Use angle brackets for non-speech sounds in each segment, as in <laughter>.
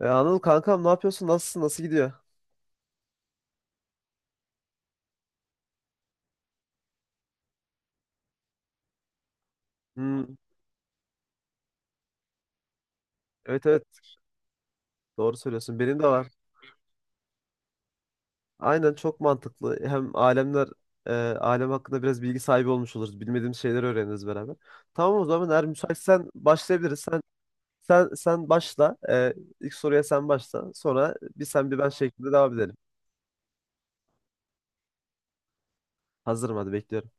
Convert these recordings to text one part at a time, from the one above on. Anıl kankam, ne yapıyorsun? Nasılsın? Nasıl gidiyor? Hmm, evet evet, doğru söylüyorsun. Benim de var. Aynen, çok mantıklı. Hem alem hakkında biraz bilgi sahibi olmuş oluruz. Bilmediğimiz şeyleri öğreniriz beraber. Tamam, o zaman eğer müsaitsen başlayabiliriz. Sen başla. İlk soruya sen başla. Sonra bir sen bir ben şeklinde devam edelim. Hazırım, hadi bekliyorum.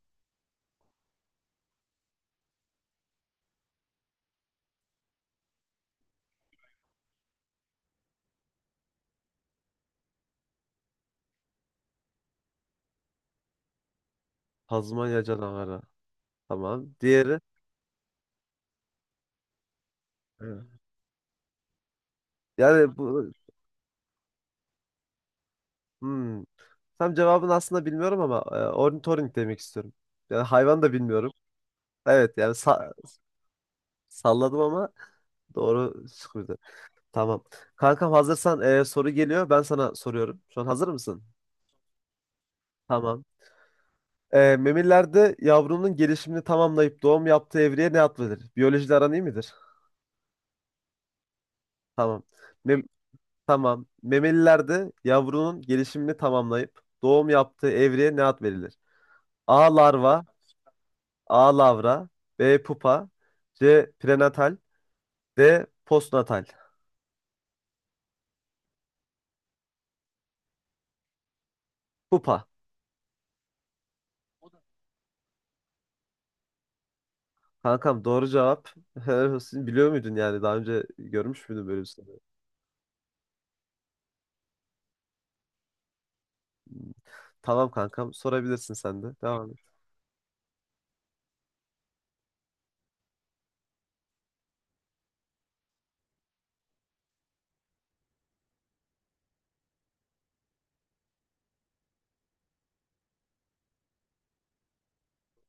Tazmanya canavarı. Tamam. Diğeri. Evet. Yani bu, hmm, tam cevabını aslında bilmiyorum ama ornitorenk demek istiyorum. Yani hayvan da bilmiyorum. Evet yani, salladım ama doğru çıkıyordu. Tamam. Kankam, hazırsan soru geliyor. Ben sana soruyorum. Şu an hazır mısın? Tamam. Memelilerde yavrunun gelişimini tamamlayıp doğum yaptığı evreye ne ad verilir? Biyolojide aran iyi midir? Tamam. Mem tamam. Memelilerde yavrunun gelişimini tamamlayıp doğum yaptığı evreye ne ad verilir? A. Larva. A. Lavra. B. Pupa. C. Prenatal. D. Postnatal. Pupa. Kankam, doğru cevap. <laughs> Helal olsun. Biliyor muydun yani? Daha önce görmüş müydün böyle bir soruyu? Tamam kankam, sorabilirsin sen de. Devam et.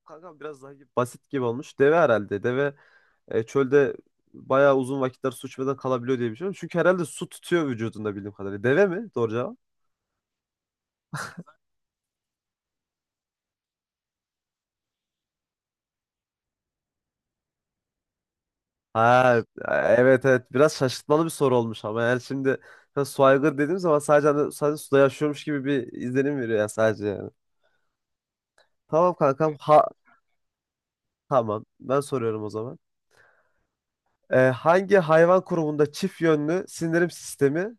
Kankam, biraz daha basit gibi olmuş. Deve herhalde. Deve, çölde bayağı uzun vakitler su içmeden kalabiliyor diye biliyorum. Çünkü herhalde su tutuyor vücudunda, bildiğim kadarıyla. Deve mi? Doğru cevap. Ha, evet evet, biraz şaşırtmalı bir soru olmuş ama yani şimdi, ha, su aygır dediğim zaman sadece, hani, sadece suda yaşıyormuş gibi bir izlenim veriyor ya, sadece yani. Tamam kankam. Ha tamam, ben soruyorum o zaman. Hangi hayvan grubunda çift yönlü sindirim sistemi,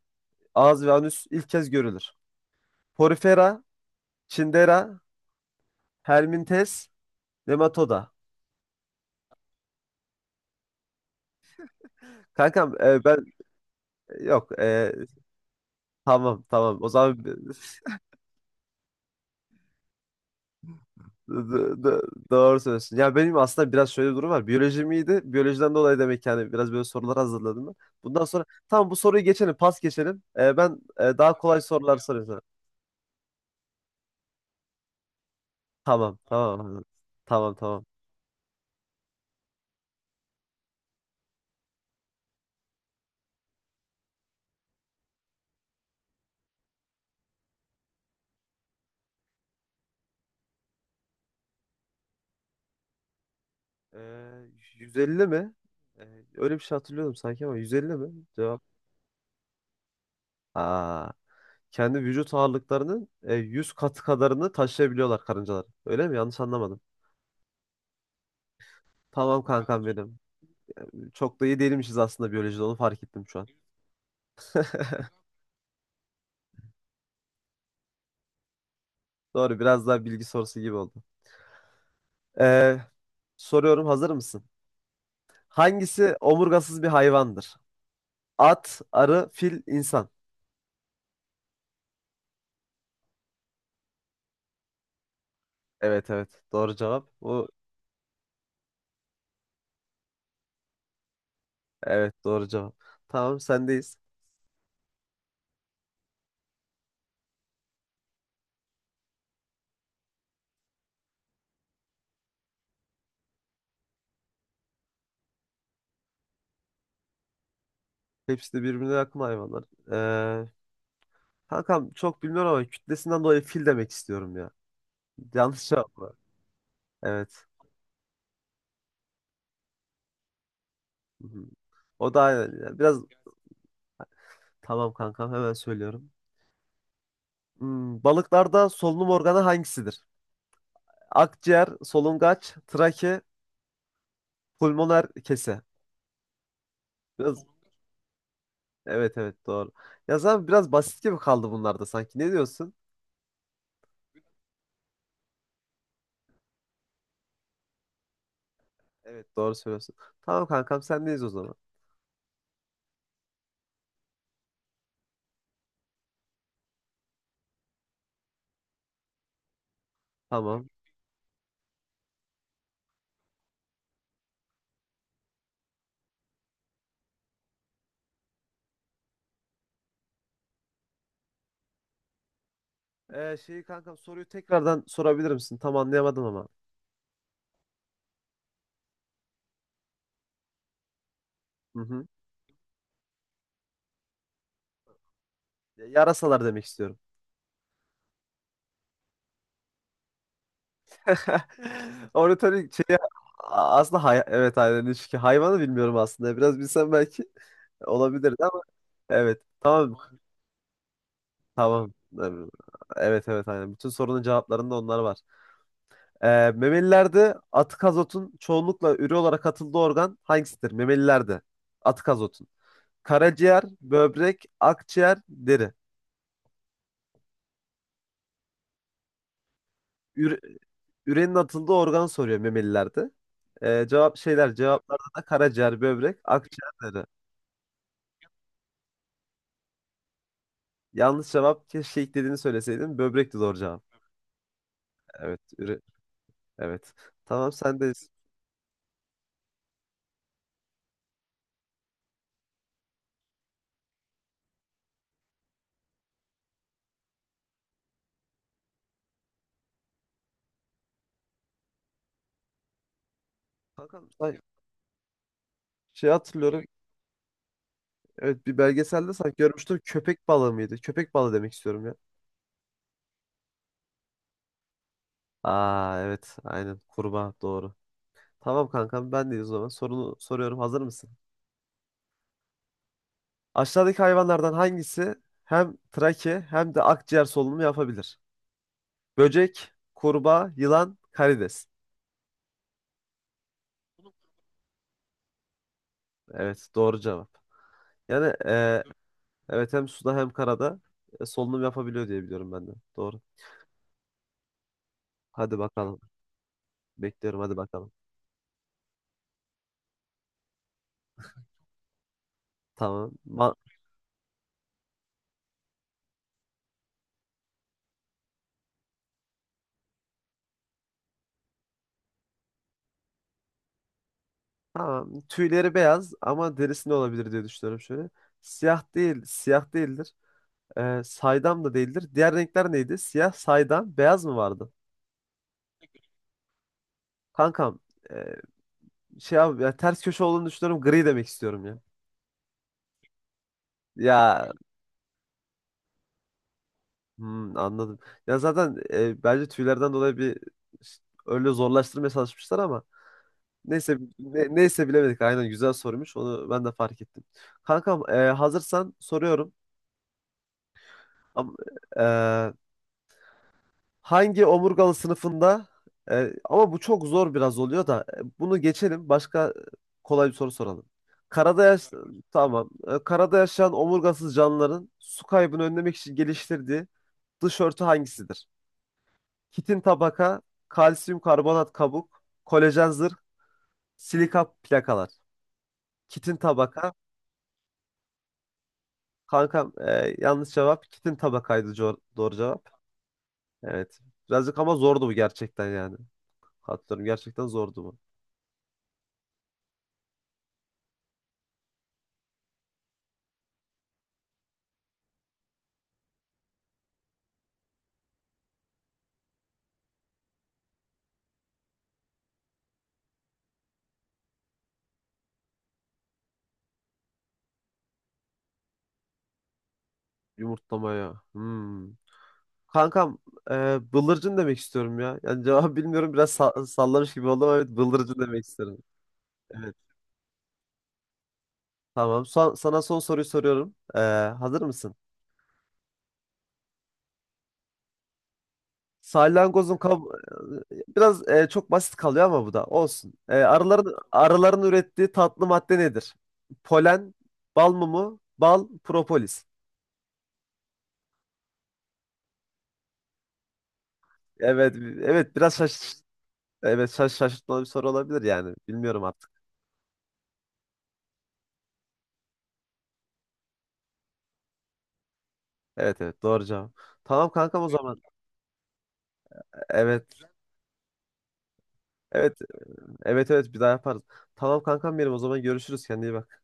ağız ve anüs, ilk kez görülür? Porifera, Cnidaria, Hermintes, Nematoda. Kankam, e, ben yok e, tamam tamam o zaman, d- d- doğru söylüyorsun. Ya, benim aslında biraz şöyle bir durum var. Biyolojim iyiydi. Biyolojiden dolayı demek ki, hani, biraz böyle sorular hazırladım ben. Bundan sonra tamam, bu soruyu geçelim, pas geçelim. Ben, daha kolay sorular sorayım sana. Tamam tamam tamam tamam. Ee, 150 mi? Öyle bir şey hatırlıyordum sanki ama 150 mi? Cevap. Aa, kendi vücut ağırlıklarının, 100 katı kadarını taşıyabiliyorlar karıncalar. Öyle mi? Yanlış anlamadım. Tamam kankam. Evet, benim. Çok da iyi değilmişiz aslında biyolojide, onu fark ettim şu an. Doğru, biraz daha bilgi sorusu gibi oldu. Ee, soruyorum, hazır mısın? Hangisi omurgasız bir hayvandır? At, arı, fil, insan. Evet evet, doğru cevap. Bu, evet, doğru cevap. Tamam, sendeyiz. Hepsi de birbirine yakın hayvanlar. Ee, kankam çok bilmiyorum ama kütlesinden dolayı fil demek istiyorum ya. Yanlış cevap mı? Evet. Hı hı. O da aynen ya. Biraz, tamam kankam, hemen söylüyorum. Balıklarda solunum organı hangisidir? Akciğer, solungaç, trake, pulmoner kese. Biraz, evet evet, doğru. Ya zaten biraz basit gibi kaldı bunlarda sanki. Ne diyorsun? Evet, doğru söylüyorsun. Tamam kankam, sendeyiz o zaman. Tamam. Şeyi Kankam, soruyu tekrardan sorabilir misin? Tam anlayamadım ama. Hı hı. Yarasalar demek istiyorum. <laughs> Ornitorik şey aslında, hay evet aynen, çünkü hayvanı bilmiyorum aslında. Biraz bilsem belki <laughs> olabilirdi ama evet. Tamam tamam. Evet evet aynen. Bütün sorunun cevaplarında onlar var. Ee, memelilerde atık azotun çoğunlukla üre olarak atıldığı organ hangisidir? Memelilerde atık azotun. Karaciğer, böbrek, akciğer, deri. üre- Ürenin atıldığı organ soruyor memelilerde. Cevaplarda da karaciğer, böbrek, akciğer dedi. Yanlış cevap, keşke ilk dediğini söyleseydin. Böbrekti doğru cevap. Evet, üre, evet. Tamam, sendeyiz. Kankam, şey hatırlıyorum. Evet, bir belgeselde sanki görmüştüm. Köpek balığı mıydı? Köpek balığı demek istiyorum ya. Aa, evet aynen, kurbağa doğru. Tamam kankam, ben de o zaman sorunu soruyorum. Hazır mısın? Aşağıdaki hayvanlardan hangisi hem trake hem de akciğer solunumu yapabilir? Böcek, kurbağa, yılan, karides. Evet, doğru cevap. Yani, evet, hem suda hem karada solunum yapabiliyor diye biliyorum ben de. Doğru. Hadi bakalım. Bekliyorum, hadi bakalım. Tamam. Tamam. Tüyleri beyaz ama derisi ne olabilir diye düşünüyorum şöyle. Siyah değil, siyah değildir. Saydam da değildir. Diğer renkler neydi? Siyah, saydam, beyaz mı vardı? Kankam, e, şey abi ya, ters köşe olduğunu düşünüyorum. Gri demek istiyorum ya. Ya, anladım. Ya zaten bence tüylerden dolayı bir ş- öyle zorlaştırmaya çalışmışlar ama neyse, neyse bilemedik. Aynen, güzel sormuş. Onu ben de fark ettim. Kankam, hazırsan soruyorum. Am- e, hangi omurgalı sınıfında, ama bu çok zor biraz oluyor da, bunu geçelim. Başka kolay bir soru soralım. Karada yaş Tamam. Karada yaşayan omurgasız canlıların su kaybını önlemek için geliştirdiği dış örtü hangisidir? Kitin tabaka, kalsiyum karbonat kabuk, kolajen zırh, silika plakalar. Kitin tabaka. Kankam, yanlış cevap. Kitin tabakaydı, doğru cevap. Evet. Birazcık ama zordu bu gerçekten yani. Hatırlıyorum, gerçekten zordu bu. Yumurtlamaya. Hmm. Kankam, e, bıldırcın demek istiyorum ya. Yani cevabı bilmiyorum, biraz sallamış gibi oldum. Ama evet, bıldırcın demek isterim. Evet. Tamam. Sana son soruyu soruyorum. Hazır mısın? Salyangozun kab, biraz, çok basit kalıyor ama bu da olsun. Arıların ürettiği tatlı madde nedir? Polen, bal mumu, bal, propolis. Evet, evet, biraz şaşırtmalı bir soru olabilir yani. Bilmiyorum artık. Evet evet, doğru cevap. Tamam kankam, o zaman. Evet. Evet. Evet evet, bir daha yaparız. Tamam kankam, benim o zaman, görüşürüz. Kendine iyi bak.